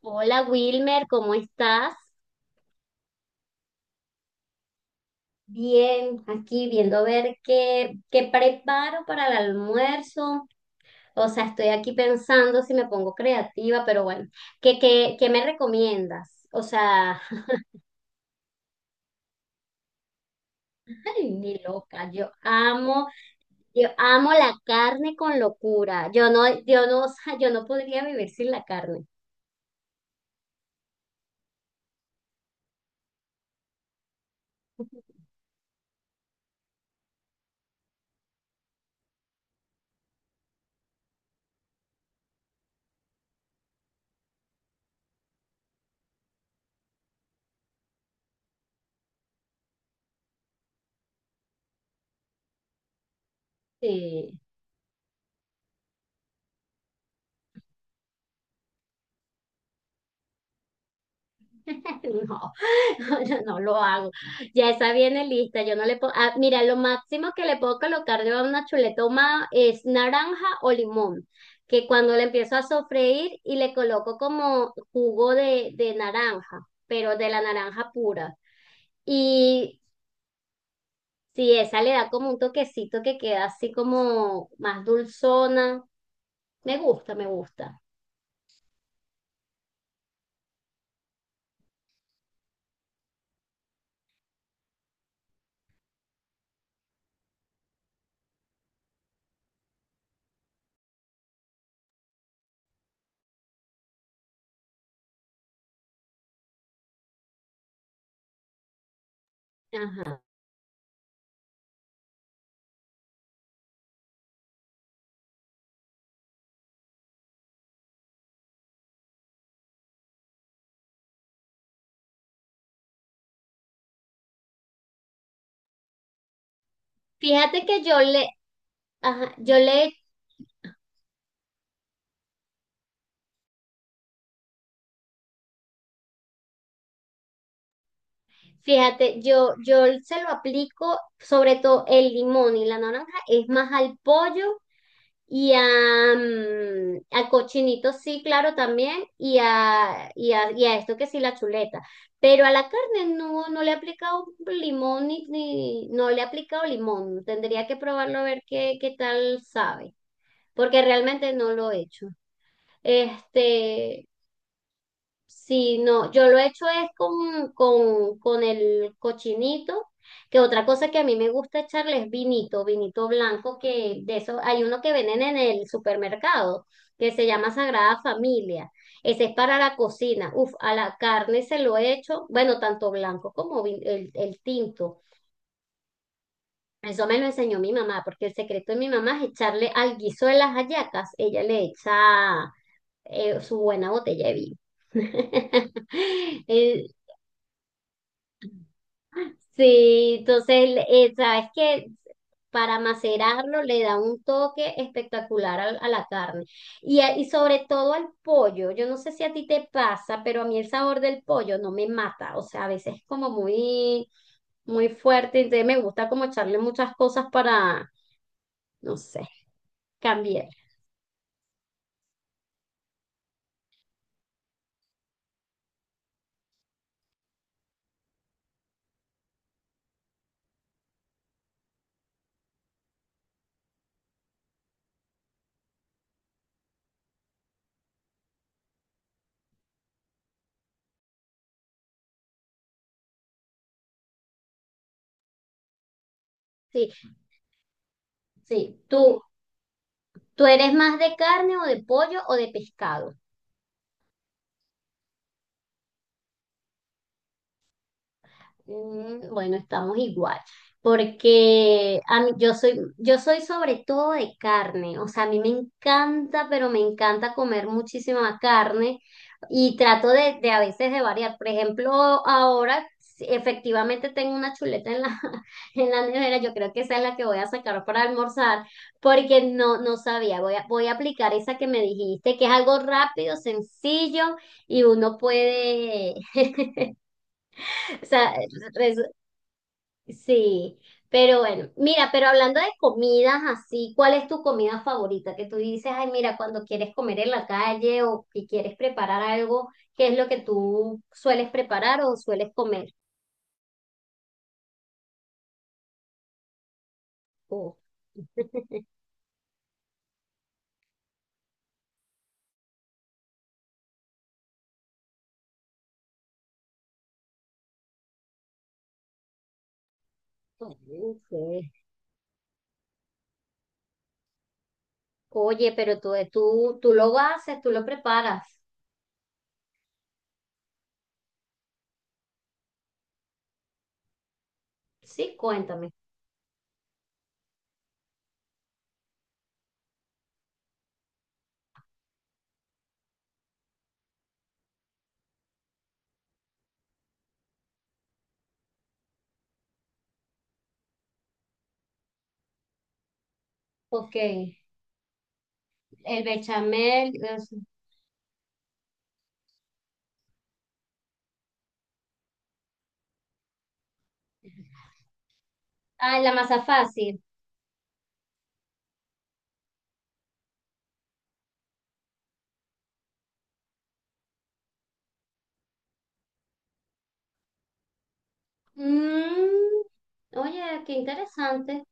Hola Wilmer, ¿cómo estás? Bien, aquí viendo a ver qué preparo para el almuerzo. O sea, estoy aquí pensando si me pongo creativa, pero bueno, ¿qué me recomiendas? O sea, ay, mi loca, yo amo la carne con locura. Yo no, yo no, o sea, yo no podría vivir sin la carne. Sí. No, no, no lo hago. Ya esa viene lista. Yo no le puedo. Ah, mira, lo máximo que le puedo colocar yo a una chuleta ahumada es naranja o limón. Que cuando le empiezo a sofreír y le coloco como jugo de naranja, pero de la naranja pura. Y si esa le da como un toquecito que queda así como más dulzona. Me gusta, me gusta. Ajá. Fíjate que yo le, ajá, yo le Fíjate, yo se lo aplico sobre todo el limón y la naranja, es más al pollo y a, mm, al cochinito, sí, claro, también, y a esto que sí, la chuleta. Pero a la carne no, no le he aplicado limón ni, ni- no le he aplicado limón. Tendría que probarlo a ver qué tal sabe, porque realmente no lo he hecho. Este, sí, no, yo lo he hecho es con el cochinito, que otra cosa que a mí me gusta echarle es vinito, vinito blanco, que de eso hay uno que venden en el supermercado, que se llama Sagrada Familia. Ese es para la cocina. Uf, a la carne se lo he hecho, bueno, tanto blanco como vin- el tinto. Eso me lo enseñó mi mamá, porque el secreto de mi mamá es echarle al guiso de las hallacas, ella le echa su buena botella de vino. Eh, sí, entonces, sabes que para macerarlo le da un toque espectacular al- a, la carne. Y, a- y sobre todo al pollo. Yo no sé si a ti te pasa, pero a mí el sabor del pollo no me mata. O sea, a veces es como muy, muy fuerte. Entonces me gusta como echarle muchas cosas para, no sé, cambiar. Sí, sí. ¿Tú, tú eres más de carne o de pollo o de pescado? Mm, bueno, estamos igual, porque a mí- yo soy sobre todo de carne, o sea, a mí me encanta, pero me encanta comer muchísima carne y trato de a veces de variar. Por ejemplo, ahora sí, efectivamente tengo una chuleta en la, en la nevera, yo creo que esa es la que voy a sacar para almorzar, porque no, no sabía, voy a aplicar esa que me dijiste, que es algo rápido, sencillo y uno puede... O sea, sí, pero bueno, mira, pero hablando de comidas así, ¿cuál es tu comida favorita? Que tú dices, ay, mira, cuando quieres comer en la calle o que quieres preparar algo, ¿qué es lo que tú sueles preparar o sueles comer? O- ok. Oye, pero tú lo haces, tú lo preparas. Sí, cuéntame. Ok, el bechamel, es- ah, la masa fácil. Mm, oye, qué interesante.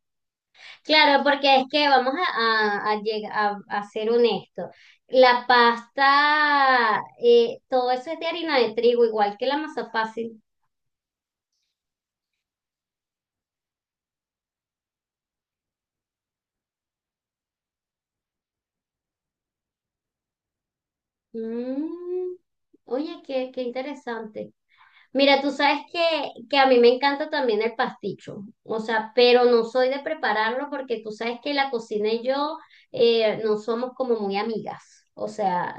Claro, porque es que vamos a lleg- a ser honestos. La pasta, todo eso es de harina de trigo, igual que la masa fácil. Mm, oye, qué interesante. Mira, tú sabes que a mí me encanta también el pasticho, o sea, pero no soy de prepararlo porque tú sabes que la cocina y yo no somos como muy amigas. O sea,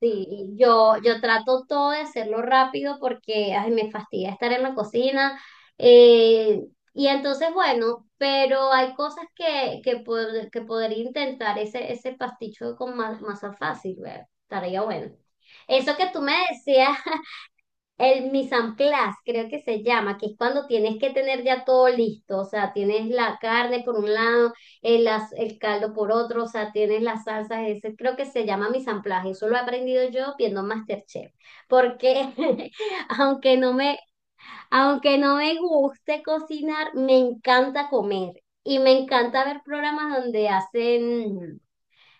sí, y yo trato todo de hacerlo rápido porque ay, me fastidia estar en la cocina. eh, y entonces, bueno, pero hay cosas pod- que podría intentar ese pasticho con ma- masa fácil, ver Estaría bueno. Eso que tú me decías el mise en place, creo que se llama, que es cuando tienes que tener ya todo listo, o sea, tienes la carne por un lado, el, as- el caldo por otro, o sea, tienes las salsas, ese creo que se llama mise en place, eso lo he aprendido yo viendo MasterChef, porque aunque no me, aunque no me guste cocinar, me encanta comer y me encanta ver programas donde hacen,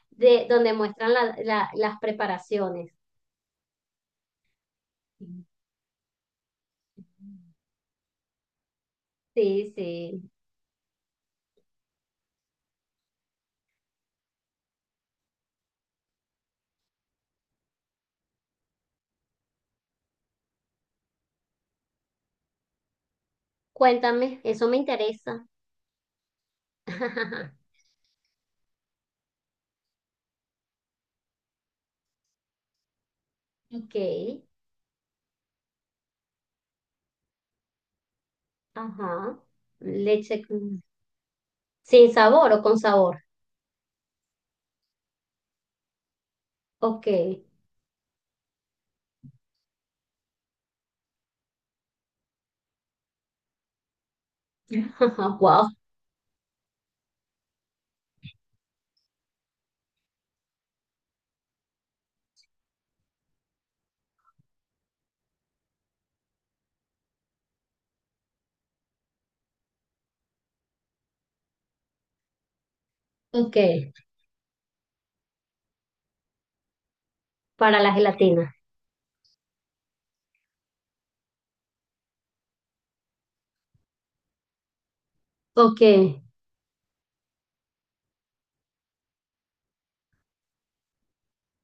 de, donde muestran la- la- las preparaciones. Sí, sí. Cuéntame, eso me interesa. Ok, ajá. Leche con- sin sabor o con sabor. Ok. Wow. Ok. Para la gelatina. Ok,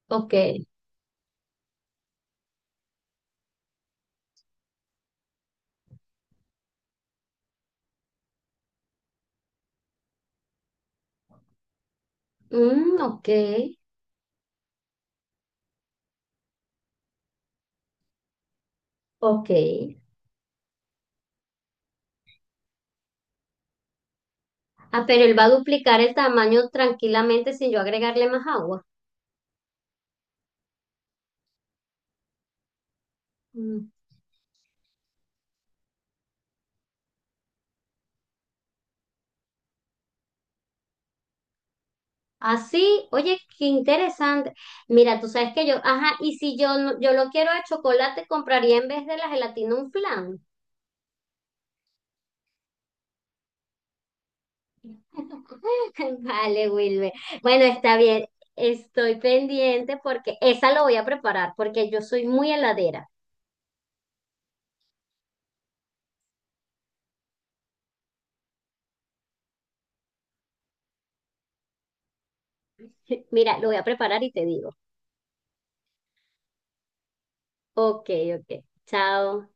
ok. Mm, ok, ok. Ah, pero él va a duplicar el tamaño tranquilamente sin yo agregarle más agua. Mm. Así, oye, qué interesante. Mira, tú sabes que yo, ajá, y si yo no- yo lo quiero de chocolate, compraría en vez de la gelatina un flan. Vale, Wilmer. Bueno, está bien. Estoy pendiente porque esa lo voy a preparar porque yo soy muy heladera. Mira, lo voy a preparar y te digo. Ok, ok. Chao.